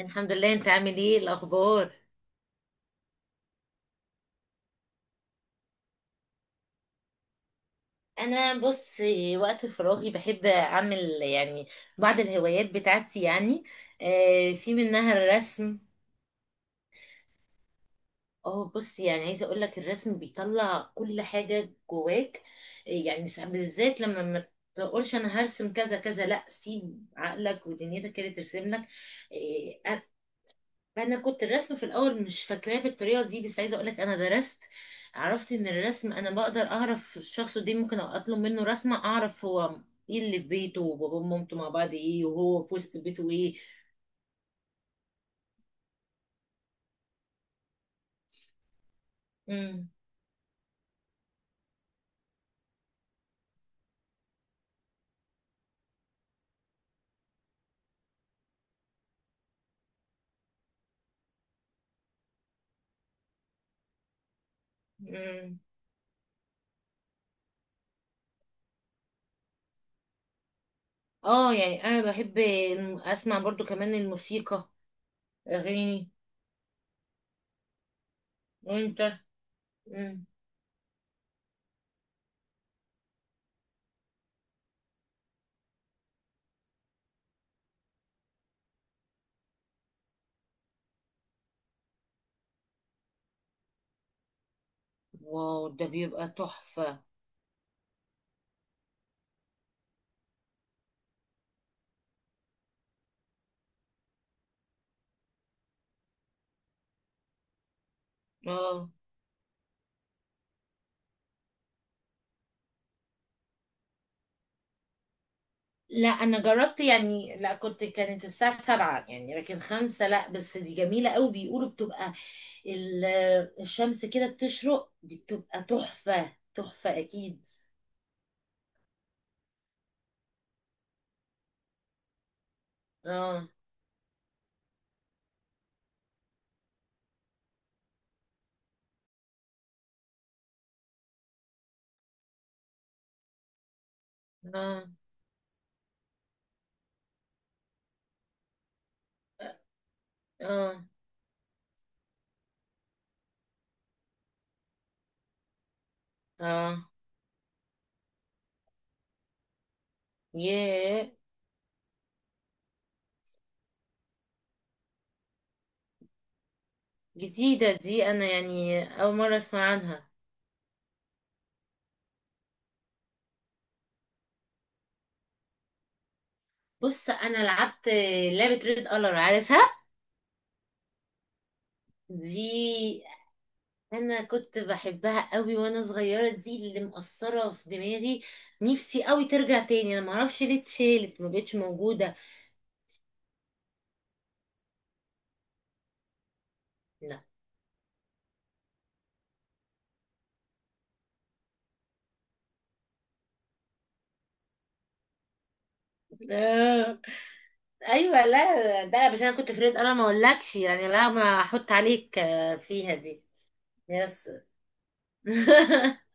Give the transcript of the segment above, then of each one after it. الحمد لله، انت عامل ايه الاخبار؟ انا بص، وقت فراغي بحب اعمل يعني بعض الهوايات بتاعتي يعني. في منها الرسم. اه، بص يعني عايزه اقول لك الرسم بيطلع كل حاجه جواك. يعني ساعات بالذات لما ما تقولش انا هرسم كذا كذا، لا سيب عقلك ودنيتك كده ترسم لك. انا كنت الرسم في الاول مش فاكراه بالطريقه دي، بس عايزه اقولك انا درست. عرفت ان الرسم انا بقدر اعرف الشخص ده، ممكن اطلب منه رسمه اعرف هو ايه اللي في بيته وبابا ومامته مع بعض ايه وهو في وسط بيته ايه. امم. امم. اه يعني انا بحب اسمع برضو كمان الموسيقى، اغاني. وانت؟ امم. واو، ده بيبقى تحفه. اه. لا انا جربت يعني، لا كنت كانت الساعة 7 يعني، لكن 5 لا، بس دي جميلة قوي، بيقولوا بتبقى ال- الشمس كده بتشرق، دي بتبقى تحفة تحفة اكيد. اه، اه، اه، اه. ياه. جديدة دي، انا يعني اول مرة اسمع عنها. بص انا لعبت لعبة ريد الر، عارفها؟ دي انا كنت بحبها قوي وانا صغيره، دي اللي مأثره في دماغي. نفسي قوي ترجع تاني، انا ما اعرفش ليه اتشالت ما بقتش موجوده. لا. آه. ايوه، لا ده بس انا كنت فريد، انا ما اقولكش يعني، لا ما احط عليك فيها دي. يس.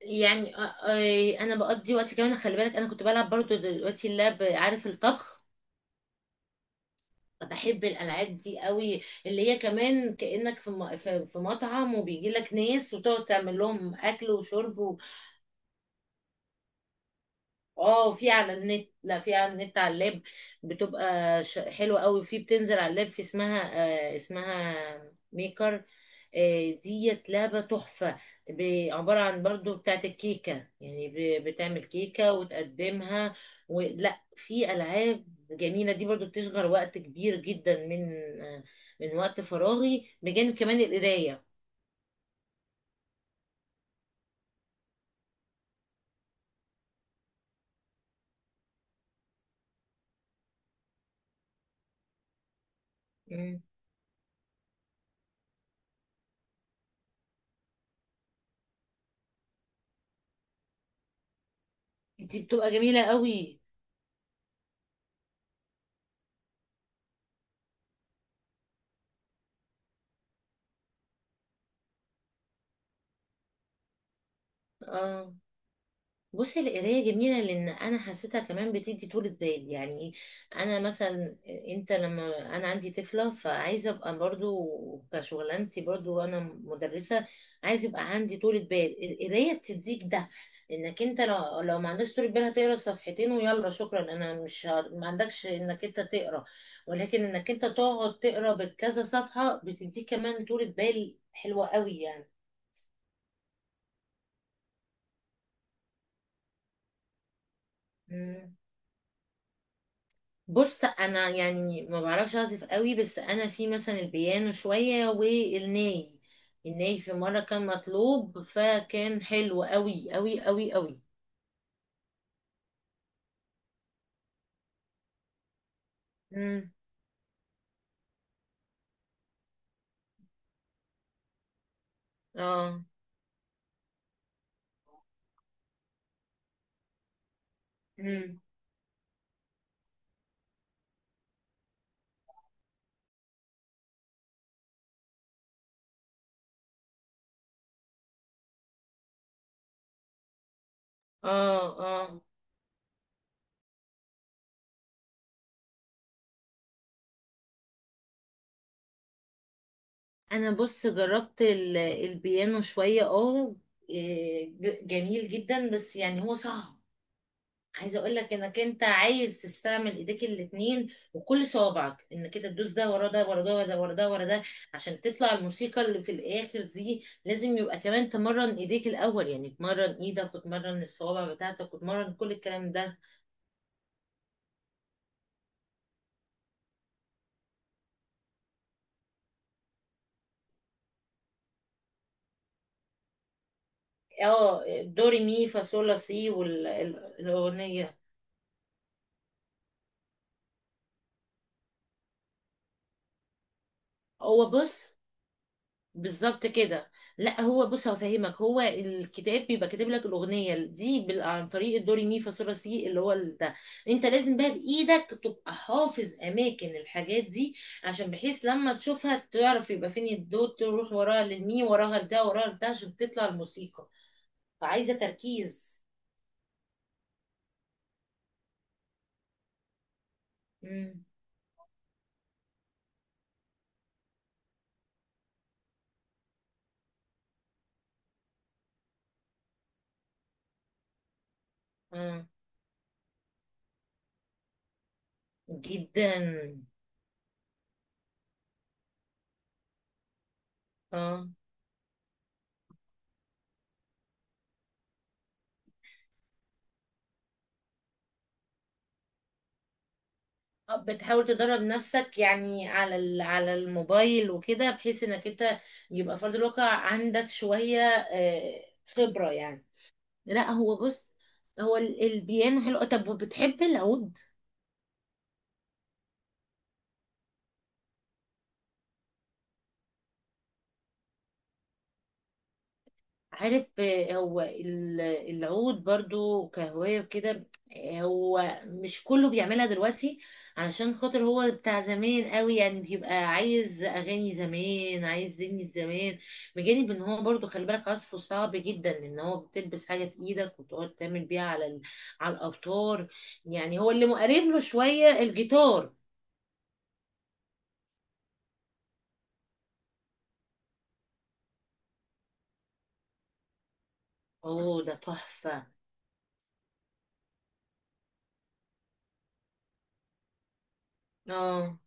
يعني انا بقضي وقتي كمان، خلي بالك انا كنت بلعب برضو دلوقتي اللعب، عارف الطبخ؟ بحب الالعاب دي قوي. اللي هي كمان كانك في في مطعم، وبيجي لك ناس وتقعد تعمل لهم اكل وشرب. اه، في على النت، لا في على النت على اللاب. بتبقى حلوه قوي، وفي بتنزل على اللاب، في اسمها. اسمها ميكر ديت، لعبه تحفه. عباره عن برضو بتاعت الكيكه. يعني بتعمل كيكه وتقدمها. ولا في العاب جميله دي برضو بتشغل وقت كبير جدا آه من وقت فراغي بجانب كمان القرايه. مم. دي بتبقى جميله قوي. اه بصي، القراية جميلة لأن أنا حسيتها كمان بتدي طولة بال، يعني إيه؟ أنا مثلا، أنت لما أنا عندي طفلة فعايزة أبقى برضو كشغلانتي، برضو أنا مدرسة، عايزة يبقى عندي طولة بال. القراية بتديك ده. إنك أنت لو ما عندكش طولة بال هتقرا صفحتين ويلا شكرا، أنا مش ما عندكش إنك أنت تقرا. ولكن إنك أنت تقعد تقرا بكذا صفحة، بتديك كمان طولة بال حلوة قوي يعني. إمم. بص انا يعني ما بعرفش اعزف قوي، بس انا في مثلا البيانو شويه والناي. الناي في مره كان مطلوب، فكان حلو قوي قوي قوي قوي. مم. اه. مم. اه، اه. انا بص جربت البيانو شويه، اه. إيه، جميل جدا بس يعني هو صعب. عايزه اقول لك انك انت عايز تستعمل ايديك الاتنين، وكل صوابعك انك كده تدوس ده ورا ده ورا ده ورا ده ورا ده ورا ده عشان تطلع الموسيقى اللي في الاخر دي. لازم يبقى كمان تمرن ايديك الاول، يعني تمرن ايدك وتمرن الصوابع بتاعتك وتمرن كل الكلام ده. اه، دوري مي فا صول لا سي والاغنيه. هو بص، بالظبط كده. لا هو بص هفهمك، هو الكتاب بيبقى كاتب لك الاغنيه دي عن طريق الدوري مي فا صول سي اللي هو ده. انت لازم بقى بايدك تبقى حافظ اماكن الحاجات دي، عشان بحيث لما تشوفها تعرف يبقى فين الدو، تروح وراها للمي وراها لده وراها لده عشان تطلع الموسيقى. فعايزه تركيز. امم. اه، جدا، اه. بتحاول تدرب نفسك يعني على على الموبايل وكده، بحيث انك انت يبقى فرد الواقع عندك شوية آه، خبرة يعني. لا هو بص، هو البيانو حلو. طب وبتحب العود؟ عارف، هو العود برضو كهواية وكده. هو مش كله بيعملها دلوقتي، علشان خاطر هو بتاع زمان قوي، يعني بيبقى عايز أغاني زمان، عايز دنيا زمان. بجانب ان هو برضو خلي بالك عزفه صعب جدا، ان هو بتلبس حاجة في ايدك وتقعد تعمل بيها على على الأوتار. يعني هو اللي مقرب له شوية الجيتار. اوه، ده تحفة. اه،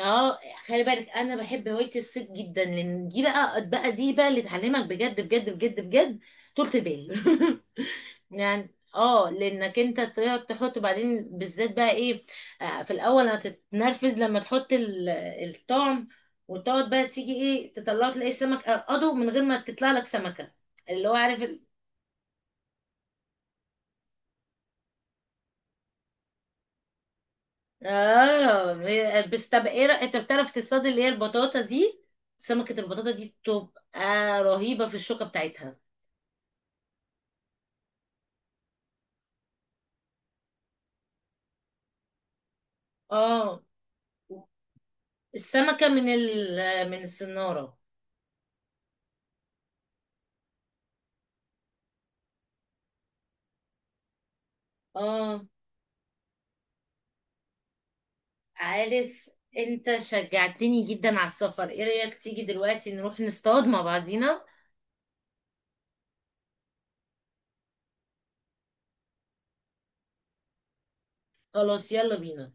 اه. خلي بالك انا بحب هوايه الصيد جدا، لان دي بقى دي بقى اللي تعلمك بجد بجد بجد بجد طولة البال. يعني اه، لانك انت تقعد تحط بعدين بالذات بقى ايه. في الاول هتتنرفز لما تحط الطعم، وتقعد بقى تيجي ايه تطلعه تلاقي السمك قرقده من غير ما تطلع لك سمكه. اللي هو عارف. اه، بس طب ايه انت بتعرف تصطاد اللي هي البطاطا دي؟ سمكه البطاطا دي بتبقى رهيبه في الشوكه بتاعتها. اه. السمكة من من السنارة. اه. عارف. انت شجعتني جدا على السفر، ايه رأيك تيجي دلوقتي نروح نصطاد مع بعضينا؟ خلاص، يلا بينا.